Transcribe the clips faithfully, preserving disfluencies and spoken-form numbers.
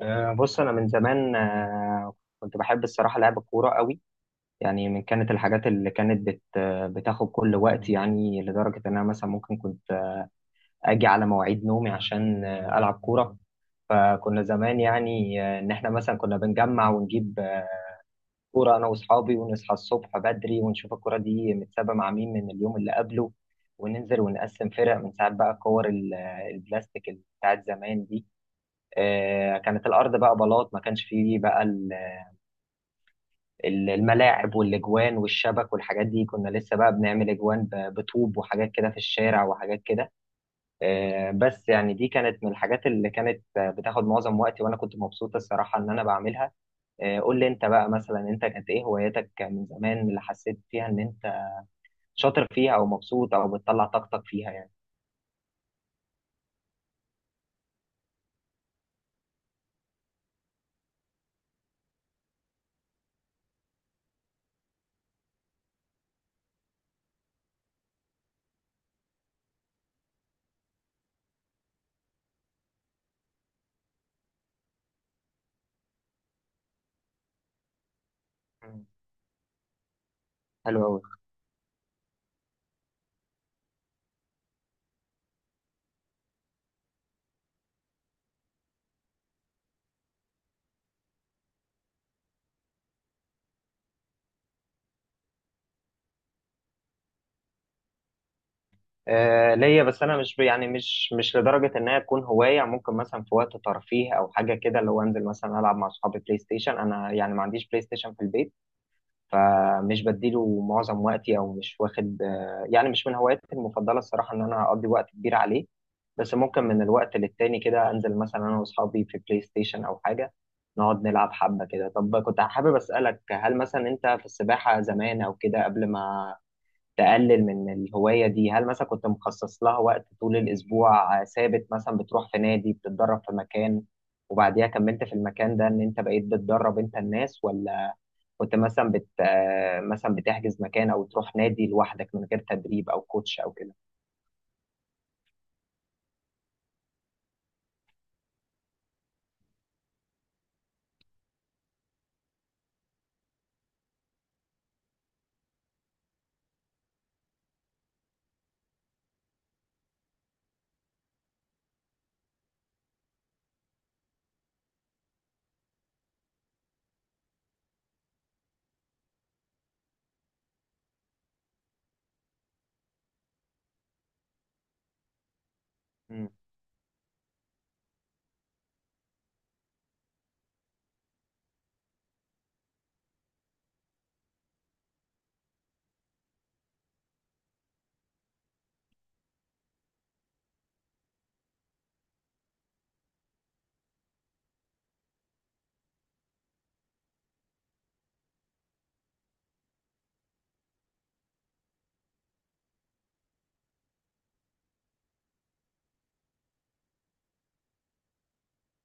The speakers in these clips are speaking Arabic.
أه، بص انا من زمان، أه، كنت بحب الصراحه لعب الكوره قوي. يعني من كانت الحاجات اللي كانت بت أه، بتاخد كل وقت، يعني لدرجه ان انا مثلا ممكن كنت أه، اجي على مواعيد نومي عشان أه، العب كوره. فكنا زمان يعني، آه، ان احنا مثلا كنا بنجمع ونجيب آه، كوره انا واصحابي، ونصحى الصبح بدري ونشوف الكوره دي متسابه مع مين من اليوم اللي قبله، وننزل ونقسم فرق من ساعات. بقى كور ال- آه، البلاستيك اللي بتاعت زمان دي. آه، كانت الارض بقى بلاط، ما كانش فيه بقى ال- الملاعب والاجوان والشبك والحاجات دي. كنا لسه بقى بنعمل اجوان ب- بطوب وحاجات كده في الشارع وحاجات كده. آه، بس يعني دي كانت من الحاجات اللي كانت آه، بتاخد معظم وقتي، وانا كنت مبسوط الصراحة ان انا بعملها. آه، قول لي انت بقى، مثلا انت كانت ايه هواياتك من زمان اللي حسيت فيها ان انت شاطر فيها او مبسوط او بتطلع طاقتك فيها يعني. مم. حلو قوي. آه، ليا، بس انا مش ب- يعني مش مش لدرجه انها تكون هوايه. ممكن مثلا في وقت ترفيه او حاجه كده، اللي هو انزل مثلا العب مع اصحابي بلاي ستيشن. انا يعني ما عنديش بلاي ستيشن في البيت، فمش بديله معظم وقتي، او مش واخد آه، يعني مش من هواياتي المفضله الصراحه ان انا اقضي وقت كبير عليه. بس ممكن من الوقت للتاني كده انزل مثلا انا واصحابي في بلاي ستيشن او حاجه، نقعد نلعب حبه كده. طب كنت حابب اسالك، هل مثلا انت في السباحه زمان او كده قبل ما تقلل من الهواية دي، هل مثلا كنت مخصص لها وقت طول الأسبوع آه، ثابت، مثلا بتروح في نادي بتتدرب في مكان، وبعديها كملت في المكان ده إن أنت بقيت بتدرب أنت الناس؟ ولا كنت مثلا بت آه، مثلا بتحجز مكان أو تروح نادي لوحدك من غير تدريب أو كوتش أو كده؟ مم.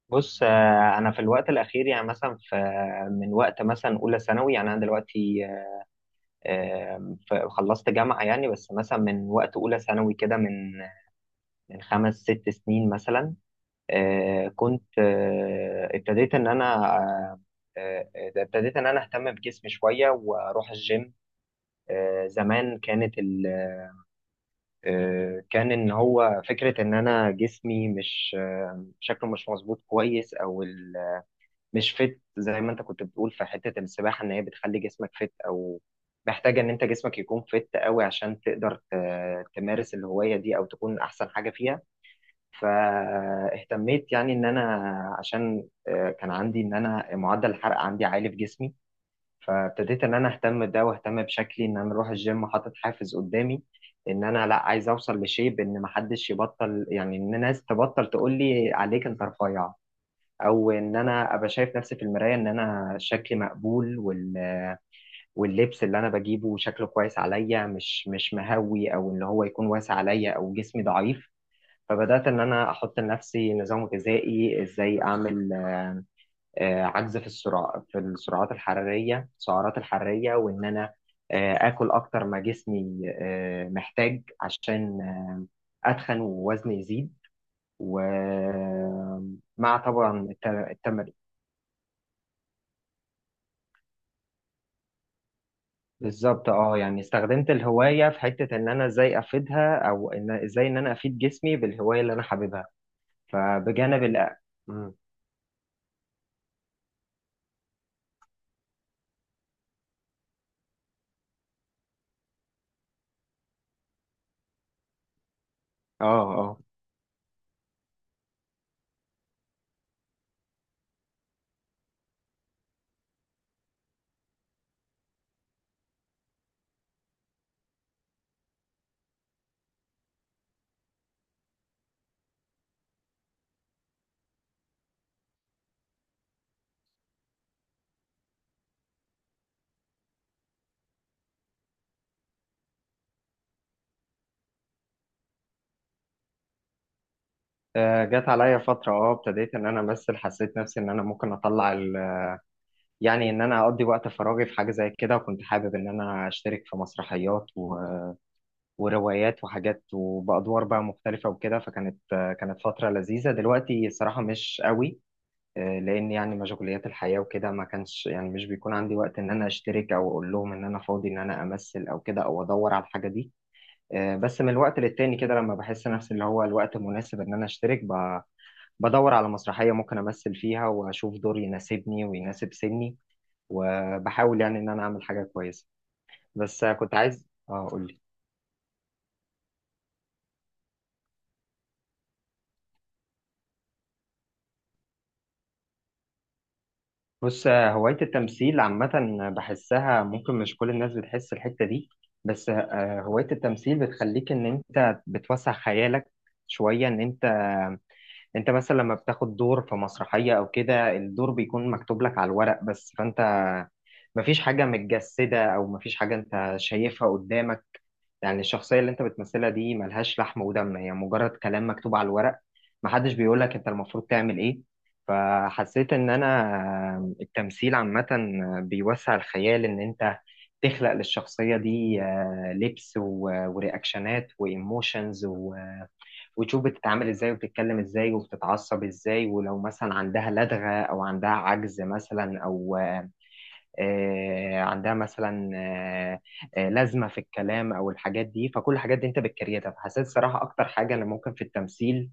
بص، آه، أنا في الوقت الأخير يعني مثلا في، من وقت مثلا أولى ثانوي، يعني أنا دلوقتي آه، ف- خلصت جامعة يعني، بس مثلا من وقت أولى ثانوي كده، من من خمس ست سنين مثلا. آه، كنت آه، ابتديت ان انا آه، آه، آه، ابتديت ان انا اهتم بجسمي شويه واروح الجيم. آه، زمان كانت ال... آه، كان ان هو فكره ان انا جسمي مش آه، شكله مش مظبوط كويس، او ال... مش فت زي ما انت كنت بتقول في حته السباحه، ان هي بتخلي جسمك فت، او محتاجه ان انت جسمك يكون فت قوي عشان تقدر ت- تمارس الهوايه دي او تكون احسن حاجه فيها. فاهتميت يعني ان انا، عشان آه، كان عندي ان انا معدل الحرق عندي عالي في جسمي، فابتديت ان انا اهتم بده واهتم بشكلي، ان انا اروح الجيم حاطط حافز قدامي ان انا لا، عايز اوصل لشيب ان محدش يبطل، يعني ان الناس تبطل تقول لي عليك انت رفيع، او ان انا ابقى شايف نفسي في المرايه ان انا شكلي مقبول، وال... واللبس اللي انا بجيبه شكله كويس عليا، مش مش مهوي او ان هو يكون واسع عليا او جسمي ضعيف. فبدأت إن أنا أحط لنفسي نظام غذائي، إزاي أعمل آه، عجز في السرعة في السعرات الحرارية السعرات الحرارية وإن أنا آه، آكل أكتر ما جسمي آه، محتاج عشان أتخن ووزني يزيد، ومع طبعا الت- التمرين. بالظبط، اه، يعني استخدمت الهواية في حتة إن أنا إزاي أفيدها، أو إن إزاي إن أنا أفيد جسمي بالهواية اللي أنا حاببها. فبجانب الأ... مم. اه. آه. آه، جت عليا فترة، اه ابتديت ان انا امثل، حسيت نفسي ان انا ممكن اطلع ال... يعني ان انا اقضي وقت فراغي في حاجة زي كده، وكنت حابب ان انا اشترك في مسرحيات و... وروايات وحاجات وبأدوار بقى مختلفة وكده. فكانت آه، كانت فترة لذيذة. دلوقتي الصراحة مش قوي، آه، لان يعني مشغوليات الحياة وكده، ما كانش يعني مش بيكون عندي وقت ان انا اشترك او اقول لهم ان انا فاضي ان انا امثل او كده او ادور على الحاجة دي. آه، بس من الوقت للتاني كده لما بحس نفسي اللي هو الوقت مناسب ان انا اشترك ب... بدور على مسرحية ممكن أمثل فيها وأشوف دور يناسبني ويناسب سني، وبحاول يعني إن أنا أعمل حاجة كويسة. بس كنت عايز آه أقولي. بص، آه، هواية التمثيل عامة بحسها ممكن مش كل الناس بتحس الحتة دي. بس آه، هواية التمثيل بتخليك إن أنت بتوسع خيالك شوية. إن أنت أنت مثلا لما بتاخد دور في مسرحية أو كده، الدور بيكون مكتوب لك على الورق بس، فأنت مفيش حاجة متجسدة أو مفيش حاجة أنت شايفها قدامك. يعني الشخصية اللي انت بتمثلها دي ملهاش لحم ودم، هي مجرد كلام مكتوب على الورق، محدش بيقولك انت المفروض تعمل ايه. فحسيت ان انا التمثيل عامة بيوسع الخيال، ان انت تخلق للشخصية دي آه، لبس و- ورياكشنات وايموشنز، وتشوف بتتعامل ازاي وبتتكلم ازاي وبتتعصب ازاي، ولو مثلا عندها لدغة او عندها عجز مثلا، او آه، عندها مثلا آه، آه، لازمه في الكلام او الحاجات دي. فكل الحاجات دي انت بتكريتها. فحسيت الصراحه اكتر حاجه اللي ممكن في التمثيل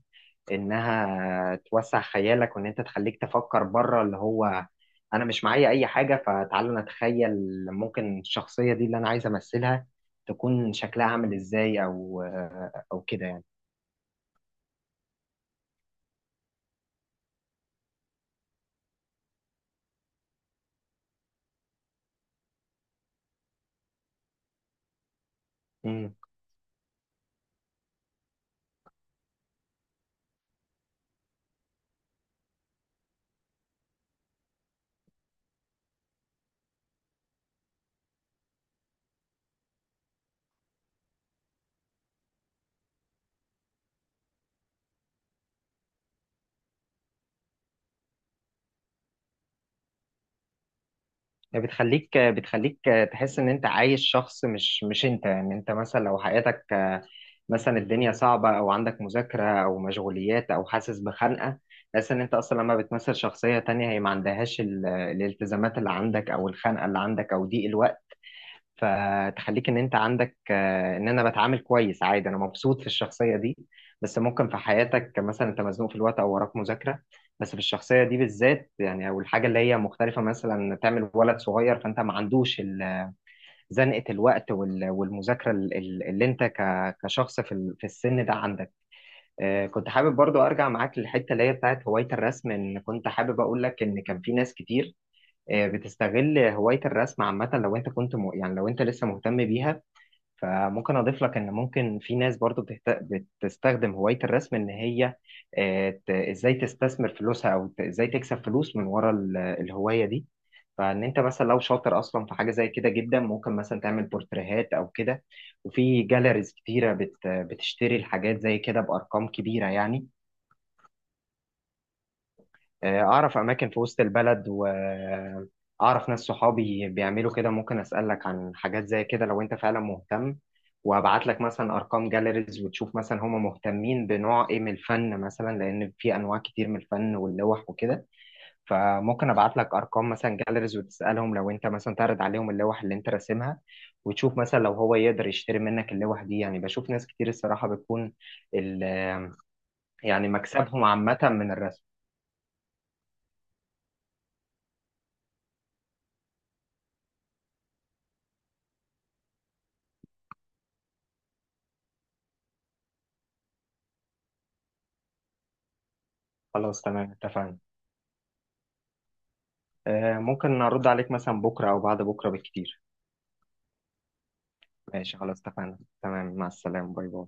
انها توسع خيالك، وان انت تخليك تفكر بره، اللي هو انا مش معايا اي حاجه فتعالى انا اتخيل ممكن الشخصيه دي اللي انا عايز امثلها تكون شكلها عامل ازاي، او او كده يعني. امم. بتخليك بتخليك تحس ان انت عايش شخص مش مش انت. يعني انت مثلا لو حياتك، مثلا الدنيا صعبة أو عندك مذاكرة أو مشغوليات أو حاسس بخنقة، تحس إن أنت أصلا لما بتمثل شخصية تانية هي ما عندهاش ال- الالتزامات اللي عندك أو الخنقة اللي عندك أو ضيق الوقت. فتخليك إن أنت عندك آه، إن أنا بتعامل كويس عادي، أنا مبسوط في الشخصية دي. بس ممكن في حياتك مثلا أنت مزنوق في الوقت أو وراك مذاكرة، بس في الشخصية دي بالذات يعني، أو الحاجة اللي هي مختلفة مثلا تعمل ولد صغير، فأنت ما عندوش زنقة الوقت وال- والمذاكرة ال- ال- اللي انت ك- كشخص في ال- في السن ده عندك. آه، كنت حابب برضو ارجع معاك للحتة اللي هي بتاعت هواية الرسم، ان كنت حابب اقول لك ان كان في ناس كتير آه، بتستغل هواية الرسم عامة. لو انت كنت م... يعني لو انت لسه مهتم بيها، فممكن اضيف لك ان ممكن في ناس برضو بتهت... بتستخدم هواية الرسم ان هي آه، ت... ازاي تستثمر فلوسها، او ت... ازاي تكسب فلوس من ورا ال... الهواية دي. فان انت مثلا لو شاطر اصلا في حاجة زي كده جدا، ممكن مثلا تعمل بورتريهات او كده، وفي جاليريز كتيرة بت... بتشتري الحاجات زي كده بارقام كبيرة يعني. آه، أعرف أماكن في وسط البلد، وأعرف ناس صحابي بيعملوا كده، ممكن أسألك عن حاجات زي كده لو أنت فعلا مهتم، وأبعت لك مثلا أرقام جاليريز، وتشوف مثلا هم مهتمين بنوع إيه من الفن مثلا، لأن في أنواع كتير من الفن واللوح وكده. فممكن أبعت لك أرقام مثلا جاليريز، وتسألهم لو أنت مثلا تعرض عليهم اللوح اللي أنت راسمها، وتشوف مثلا لو هو يقدر يشتري منك اللوح دي. يعني بشوف ناس كتير الصراحة بتكون ال- يعني مكسبهم عامة من الرسم. خلاص تمام اتفقنا. آه، ممكن ارد عليك مثلا بكره او بعد بكره بالكتير. ماشي خلاص اتفقنا تمام، مع السلامه. باي باي.